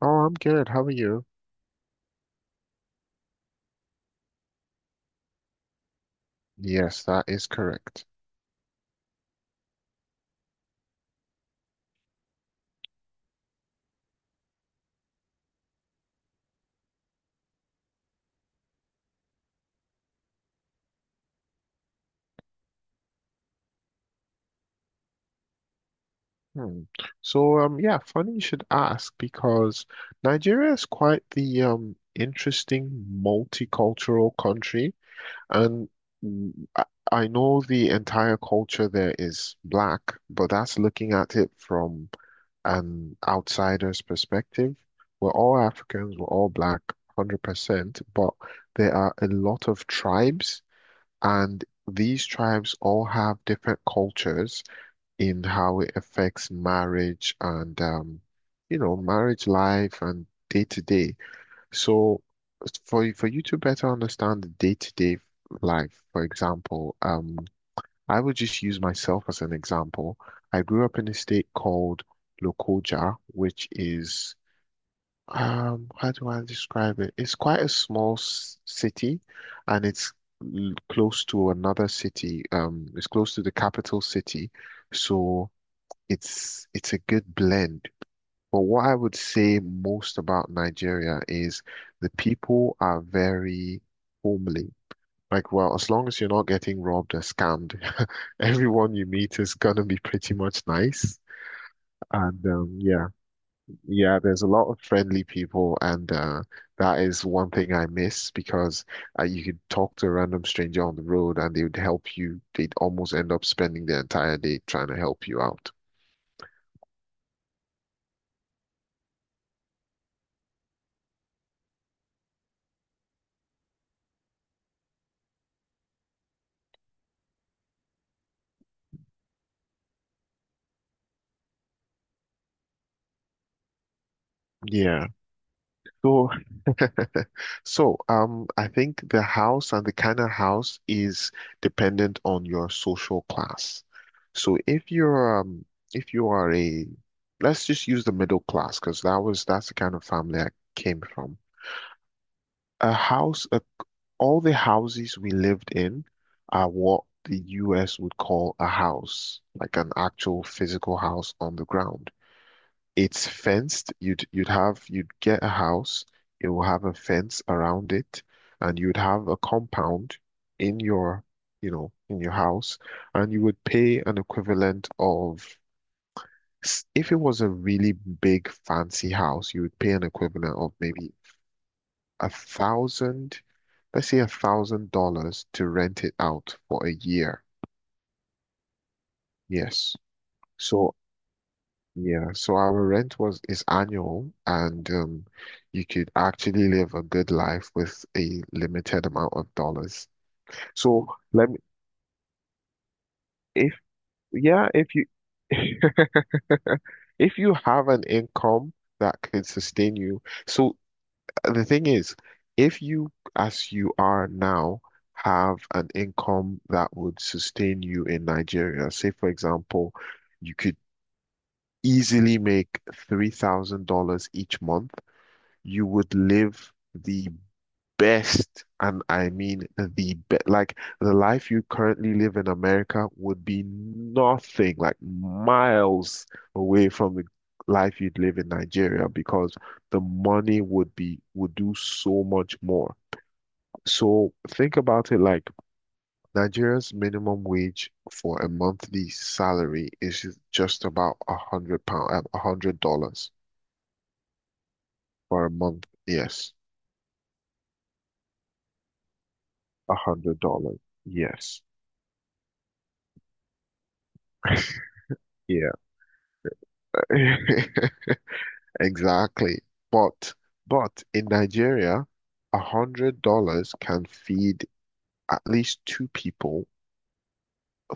Oh, I'm good. How are you? Yes, that is correct. Hmm. So, yeah, funny you should ask because Nigeria is quite the interesting multicultural country, and mm, I I know the entire culture there is black, but that's looking at it from an outsider's perspective. We're all Africans, we're all black, 100%, but there are a lot of tribes. And these tribes all have different cultures in how it affects marriage and, marriage life and day to day. So for you to better understand the day to day life, for example, I would just use myself as an example. I grew up in a state called Lokoja, which is, how do I describe it? It's quite a small s city, and it's close to another city. It's close to the capital city. So it's a good blend. But what I would say most about Nigeria is the people are very homely. Like, well, as long as you're not getting robbed or scammed, everyone you meet is gonna be pretty much nice. And, yeah. Yeah, there's a lot of friendly people, and that is one thing I miss because you could talk to a random stranger on the road and they would help you. They'd almost end up spending the entire day trying to help you out. Yeah. So, I think the house and the kind of house is dependent on your social class. So if you're if you are a, let's just use the middle class because that's the kind of family I came from. A house, uh, all the houses we lived in are what the US would call a house, like an actual physical house on the ground. It's fenced. You'd get a house. It will have a fence around it, and you'd have a compound in your, in your house, and you would pay an equivalent of, if it was a really big fancy house, you would pay an equivalent of maybe a thousand, let's say $1,000 to rent it out for a year. Yes. So Yeah, so our rent was is annual, and you could actually live a good life with a limited amount of dollars. So let me, if yeah, if you if you have an income that could sustain you. So the thing is, if you, as you are now, have an income that would sustain you in Nigeria, say for example, you could easily make $3,000 each month. You would live the best, and I mean the best. Like, the life you currently live in America would be nothing, like miles away from the life you'd live in Nigeria because the money would do so much more. So think about it like Nigeria's minimum wage for a monthly salary is just about £100, $100 for a month. Yes, $100. Yes. Yeah, exactly. But but in Nigeria, $100 can feed at least two people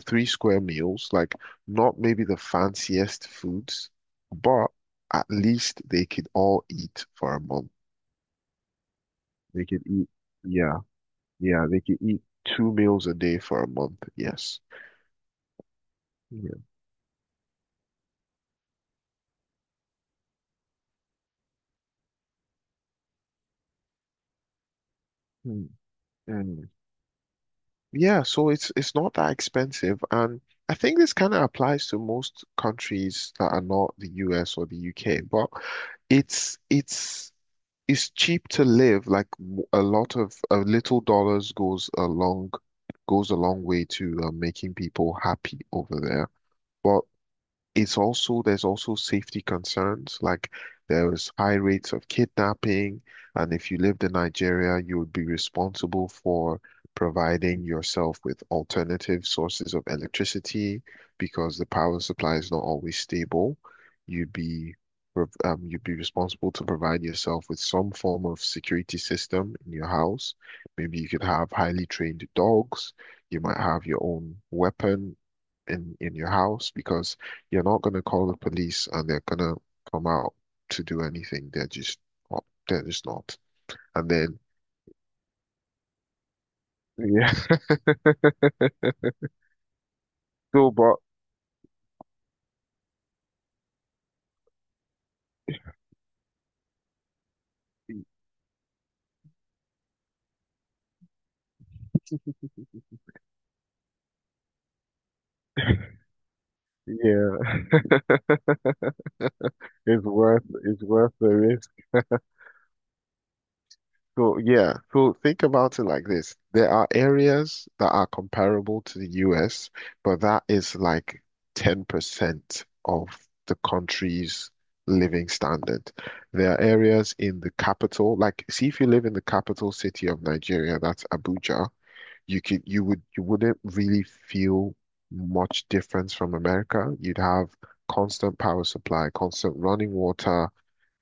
three square meals, like, not maybe the fanciest foods, but at least they could all eat for a month. They could eat, yeah, yeah, they could eat two meals a day for a month. Yes. Yeah. Mm, mm. Yeah, so it's not that expensive, and I think this kind of applies to most countries that are not the US or the UK, but it's it's it's cheap to live. Like, a lot of a little dollars goes a long way to, making people happy over there. But it's also there's also safety concerns. Like, there's high rates of kidnapping, and if you lived in Nigeria you would be responsible for providing yourself with alternative sources of electricity because the power supply is not always stable. You'd be prov- um, you'd be responsible to provide yourself with some form of security system in your house. Maybe you could have highly trained dogs. You might have your own weapon in your house, because you're not going to call the police and they're going to come out to do anything. They're just not. They're just not. And then, yeah. So, but yeah, it's worth the risk. So yeah, so think about it like this. There are areas that are comparable to the US, but that is like 10% of the country's living standard. There are areas in the capital, like, see, if you live in the capital city of Nigeria, that's Abuja, you wouldn't really feel much difference from America. You'd have constant power supply, constant running water.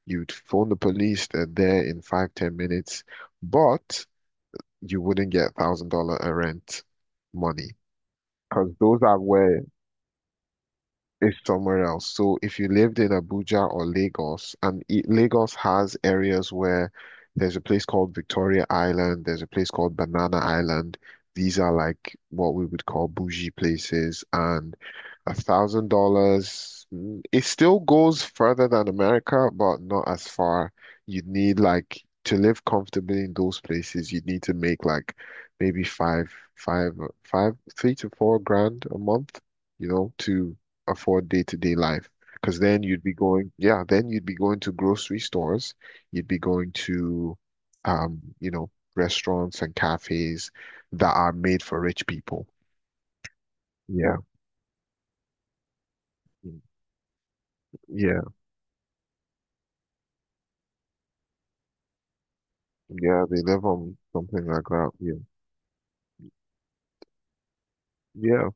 You'd phone the police, they're there in 5, 10 minutes, but you wouldn't get $1,000 a rent money because those are where, is somewhere else. So if you lived in Abuja or Lagos, and Lagos has areas where there's a place called Victoria Island, there's a place called Banana Island. These are like what we would call bougie places, and $1,000, it still goes further than America, but not as far. You'd need, like, to live comfortably in those places. You'd need to make like maybe 3 to 4 grand a month, to afford day-to-day life. Because then you'd be going, yeah, then you'd be going to grocery stores, you'd be going to, um, you know, restaurants and cafes that are made for rich people. Yeah, yeah, yeah. They live on something like that. Yeah, yeah.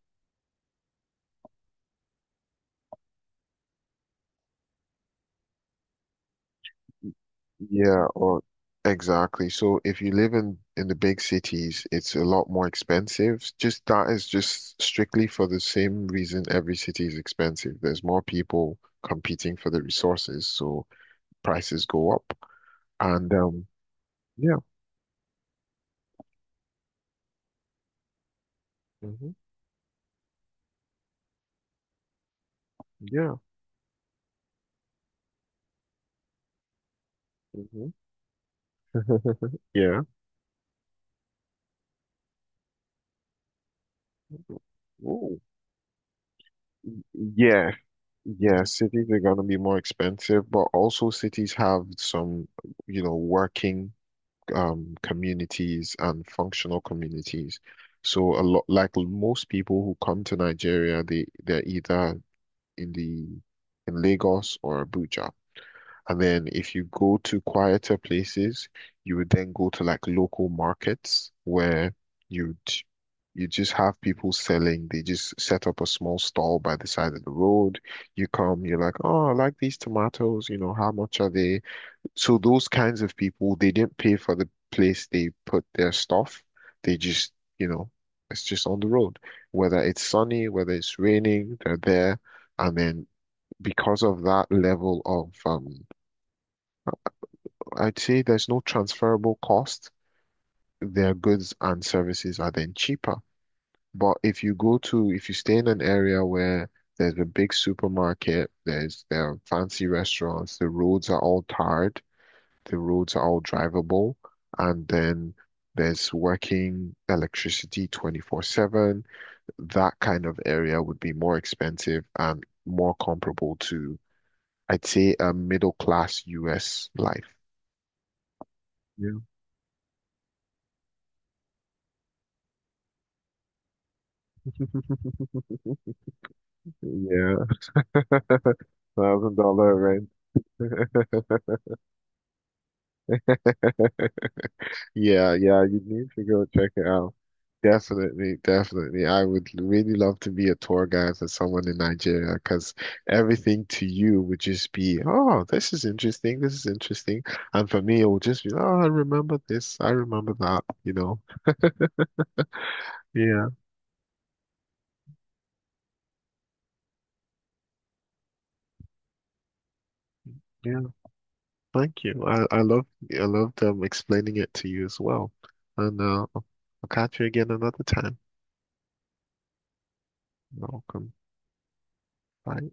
Yeah, or exactly. So if you live in the big cities, it's a lot more expensive. Just, that is just strictly for the same reason every city is expensive. There's more people competing for the resources, so prices go up. And Yeah. Hmm, yeah. Hmm, yeah. Ooh. Yeah, yeah. Cities are gonna be more expensive, but also cities have some, working, communities and functional communities. So, a lot like most people who come to Nigeria, they're either in the in Lagos or Abuja. And then if you go to quieter places, you would then go to like local markets where you'd you just have people selling. They just set up a small stall by the side of the road. You come, you're like, oh, I like these tomatoes, how much are they? So those kinds of people, they didn't pay for the place they put their stuff. They just, you know, it's just on the road. Whether it's sunny, whether it's raining, they're there. And then because of that level of, I'd say there's no transferable cost. Their goods and services are then cheaper. But if you stay in an area where there's a big supermarket, there are fancy restaurants, the roads are all tarred. The roads are all drivable. And then there's working electricity 24/7. That kind of area would be more expensive and more comparable to, I'd say, a middle class US life. Yeah. Yeah, $1,000. Yeah, yeah, you need to go check it out. Definitely, definitely. I would really love to be a tour guide for someone in Nigeria because everything to you would just be, oh, this is interesting, this is interesting. And for me, it would just be, oh, I remember this, I remember that. Yeah, yeah. Thank you. I love them explaining it to you as well. And, I'll catch you again another time. Welcome. Bye.